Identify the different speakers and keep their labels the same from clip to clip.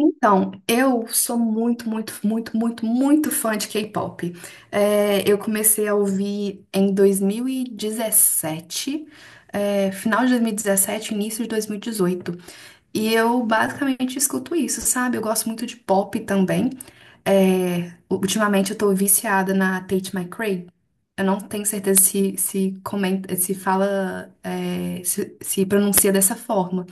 Speaker 1: Então, eu sou muito, muito, muito, muito, muito fã de K-pop. Eu comecei a ouvir em 2017, final de 2017, início de 2018. E dezoito. E eu basicamente escuto isso, sabe? Eu gosto muito de pop também. Ultimamente eu tô viciada na Tate McRae. Eu não tenho certeza se comenta, se fala, se pronuncia dessa forma.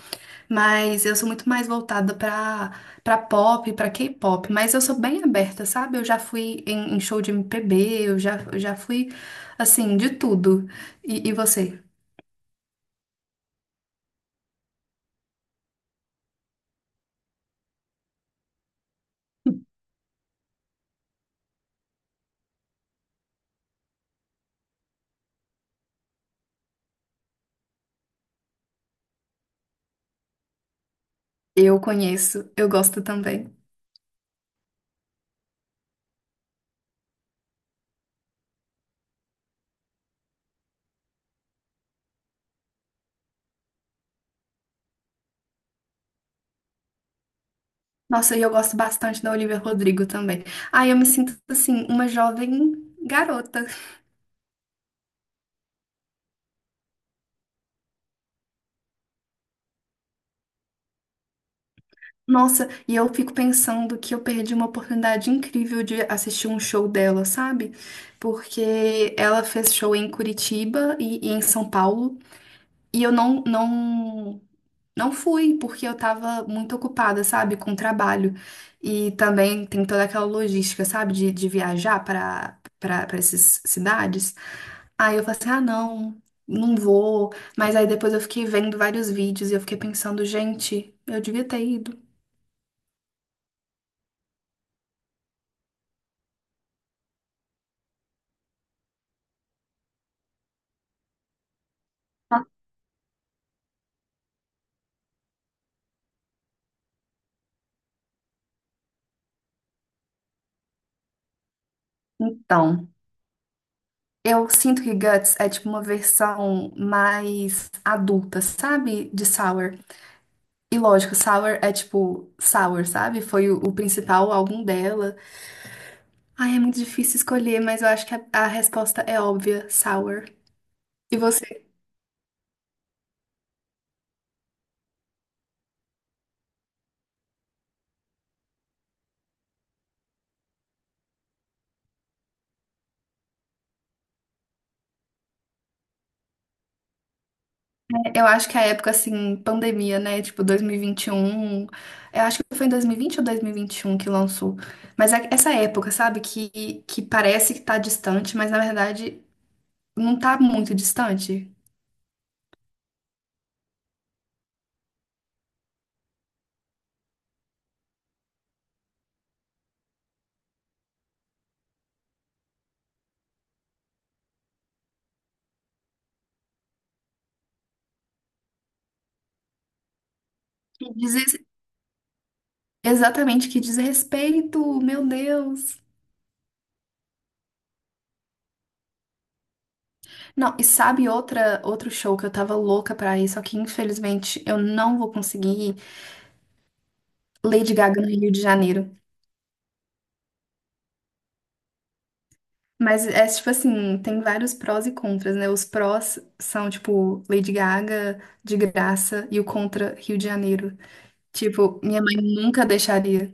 Speaker 1: Mas eu sou muito mais voltada pra para pop, pra K-pop, mas eu sou bem aberta, sabe? Eu já fui em show de MPB, eu já fui assim, de tudo. E você? Eu conheço, eu gosto também. Nossa, e eu gosto bastante da Olivia Rodrigo também. Ai, eu me sinto assim, uma jovem garota. Nossa, e eu fico pensando que eu perdi uma oportunidade incrível de assistir um show dela, sabe? Porque ela fez show em Curitiba e em São Paulo. E eu não fui, porque eu tava muito ocupada, sabe, com o trabalho. E também tem toda aquela logística, sabe, de viajar para essas cidades. Aí eu falei assim: ah, não, não vou. Mas aí depois eu fiquei vendo vários vídeos e eu fiquei pensando, gente, eu devia ter ido. Então, eu sinto que Guts é tipo uma versão mais adulta, sabe, de Sour. E lógico, Sour é tipo Sour, sabe? Foi o principal álbum dela. Ai, é muito difícil escolher, mas eu acho que a resposta é óbvia, Sour. E você, né? Eu acho que a época assim, pandemia, né? Tipo dois mil e vinte e um. Eu acho que foi em 2020 ou dois mil e vinte e um que lançou. Mas é essa época, sabe? Que parece que tá distante, mas na verdade não tá muito distante. Que diz, exatamente, que diz respeito, meu Deus. Não, e sabe outra, outro show que eu tava louca pra ir, só que infelizmente eu não vou conseguir ir? Lady Gaga no Rio de Janeiro. Mas é tipo assim, tem vários prós e contras, né? Os prós são tipo Lady Gaga de graça e o contra Rio de Janeiro. Tipo, minha mãe nunca deixaria.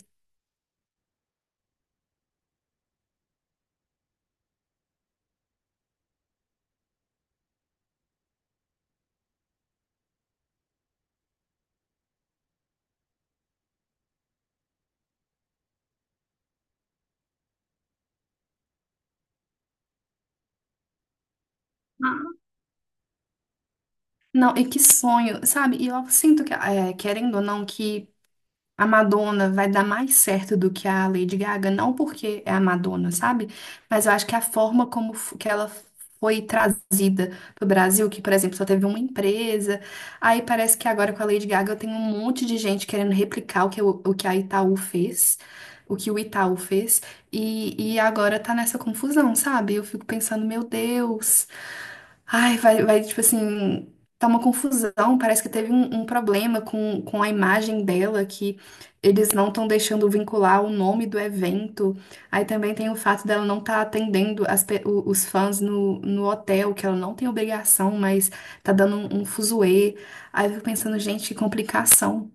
Speaker 1: Não, e que sonho, sabe? E eu sinto que, é, querendo ou não, que a Madonna vai dar mais certo do que a Lady Gaga, não porque é a Madonna, sabe? Mas eu acho que a forma como que ela foi trazida pro Brasil, que, por exemplo, só teve uma empresa, aí parece que agora com a Lady Gaga tem um monte de gente querendo replicar o que, o que a Itaú fez, o que o Itaú fez, e agora tá nessa confusão, sabe? Eu fico pensando, meu Deus. Ai, vai, vai, tipo assim, tá uma confusão. Parece que teve um problema com a imagem dela, que eles não estão deixando vincular o nome do evento. Aí também tem o fato dela não estar atendendo os fãs no hotel, que ela não tem obrigação, mas tá dando um fuzuê. Aí eu fico pensando, gente, que complicação.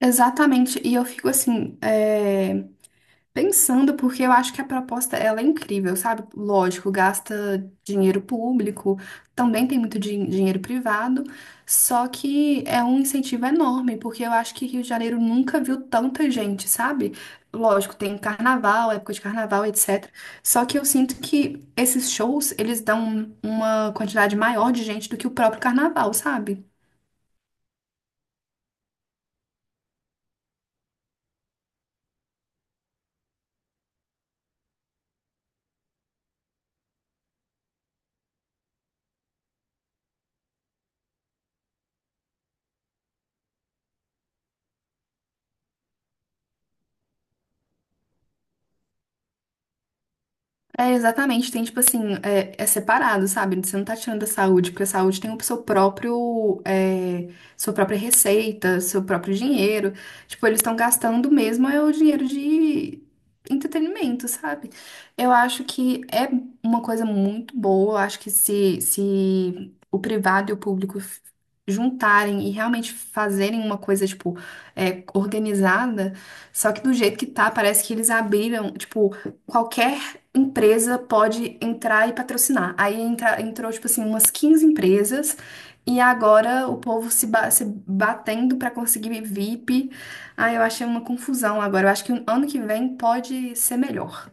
Speaker 1: Exatamente, e eu fico assim, pensando, porque eu acho que a proposta ela é incrível, sabe? Lógico, gasta dinheiro público, também tem muito dinheiro privado, só que é um incentivo enorme, porque eu acho que Rio de Janeiro nunca viu tanta gente, sabe? Lógico, tem carnaval, época de carnaval, etc. Só que eu sinto que esses shows, eles dão uma quantidade maior de gente do que o próprio carnaval, sabe? É, exatamente, tem tipo assim, é separado, sabe? Você não tá tirando da saúde, porque a saúde tem o seu próprio, sua própria receita, seu próprio dinheiro. Tipo, eles estão gastando mesmo é o dinheiro de entretenimento, sabe? Eu acho que é uma coisa muito boa, eu acho que se o privado e o público juntarem e realmente fazerem uma coisa, tipo, organizada, só que do jeito que tá, parece que eles abriram, tipo, qualquer empresa pode entrar e patrocinar. Aí entrou, tipo assim, umas 15 empresas e agora o povo se batendo para conseguir VIP. Aí eu achei uma confusão agora. Eu acho que o ano que vem pode ser melhor.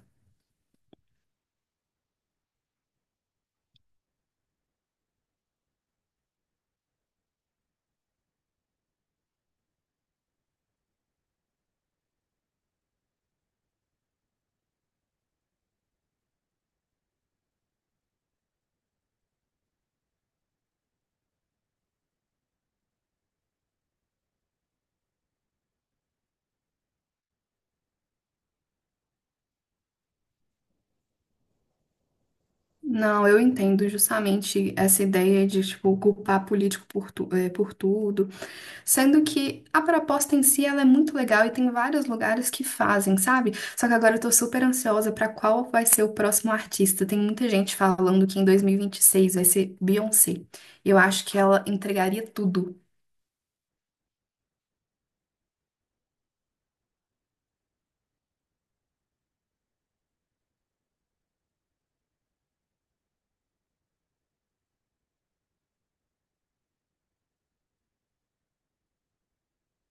Speaker 1: Não, eu entendo justamente essa ideia de, tipo, culpar político por, por tudo. Sendo que a proposta em si ela é muito legal e tem vários lugares que fazem, sabe? Só que agora eu tô super ansiosa pra qual vai ser o próximo artista. Tem muita gente falando que em 2026 vai ser Beyoncé. Eu acho que ela entregaria tudo.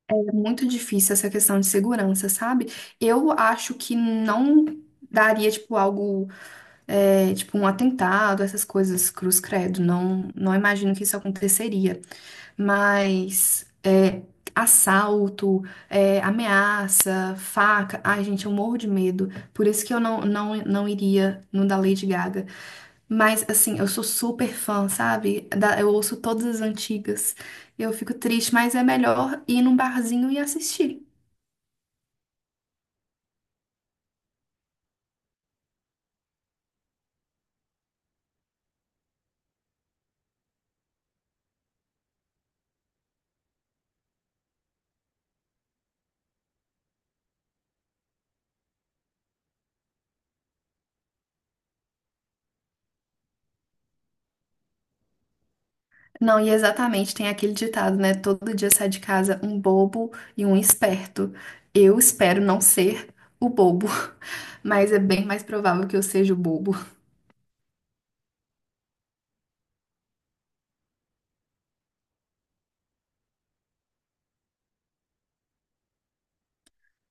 Speaker 1: É muito difícil essa questão de segurança, sabe? Eu acho que não daria, tipo, algo tipo um atentado, essas coisas, cruz credo. Não, não imagino que isso aconteceria. Mas é, assalto, é, ameaça, faca. Ai, gente, eu morro de medo. Por isso que eu não iria no da Lady Gaga. Mas, assim, eu sou super fã, sabe? Eu ouço todas as antigas. Eu fico triste, mas é melhor ir num barzinho e assistir. Não, e exatamente, tem aquele ditado, né? Todo dia sai de casa um bobo e um esperto. Eu espero não ser o bobo, mas é bem mais provável que eu seja o bobo.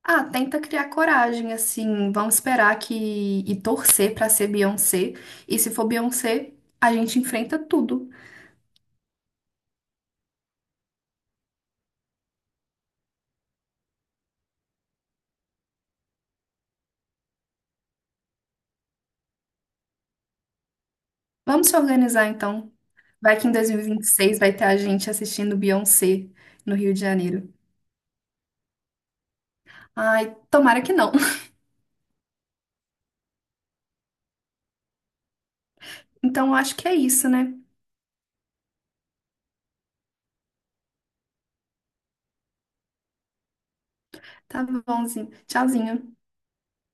Speaker 1: Ah, tenta criar coragem, assim, vamos esperar que e torcer pra ser Beyoncé. E se for Beyoncé, a gente enfrenta tudo. Vamos se organizar então. Vai que em 2026 vai ter a gente assistindo Beyoncé no Rio de Janeiro. Ai, tomara que não. Então eu acho que é isso, né? Tá bonzinho. Tchauzinho.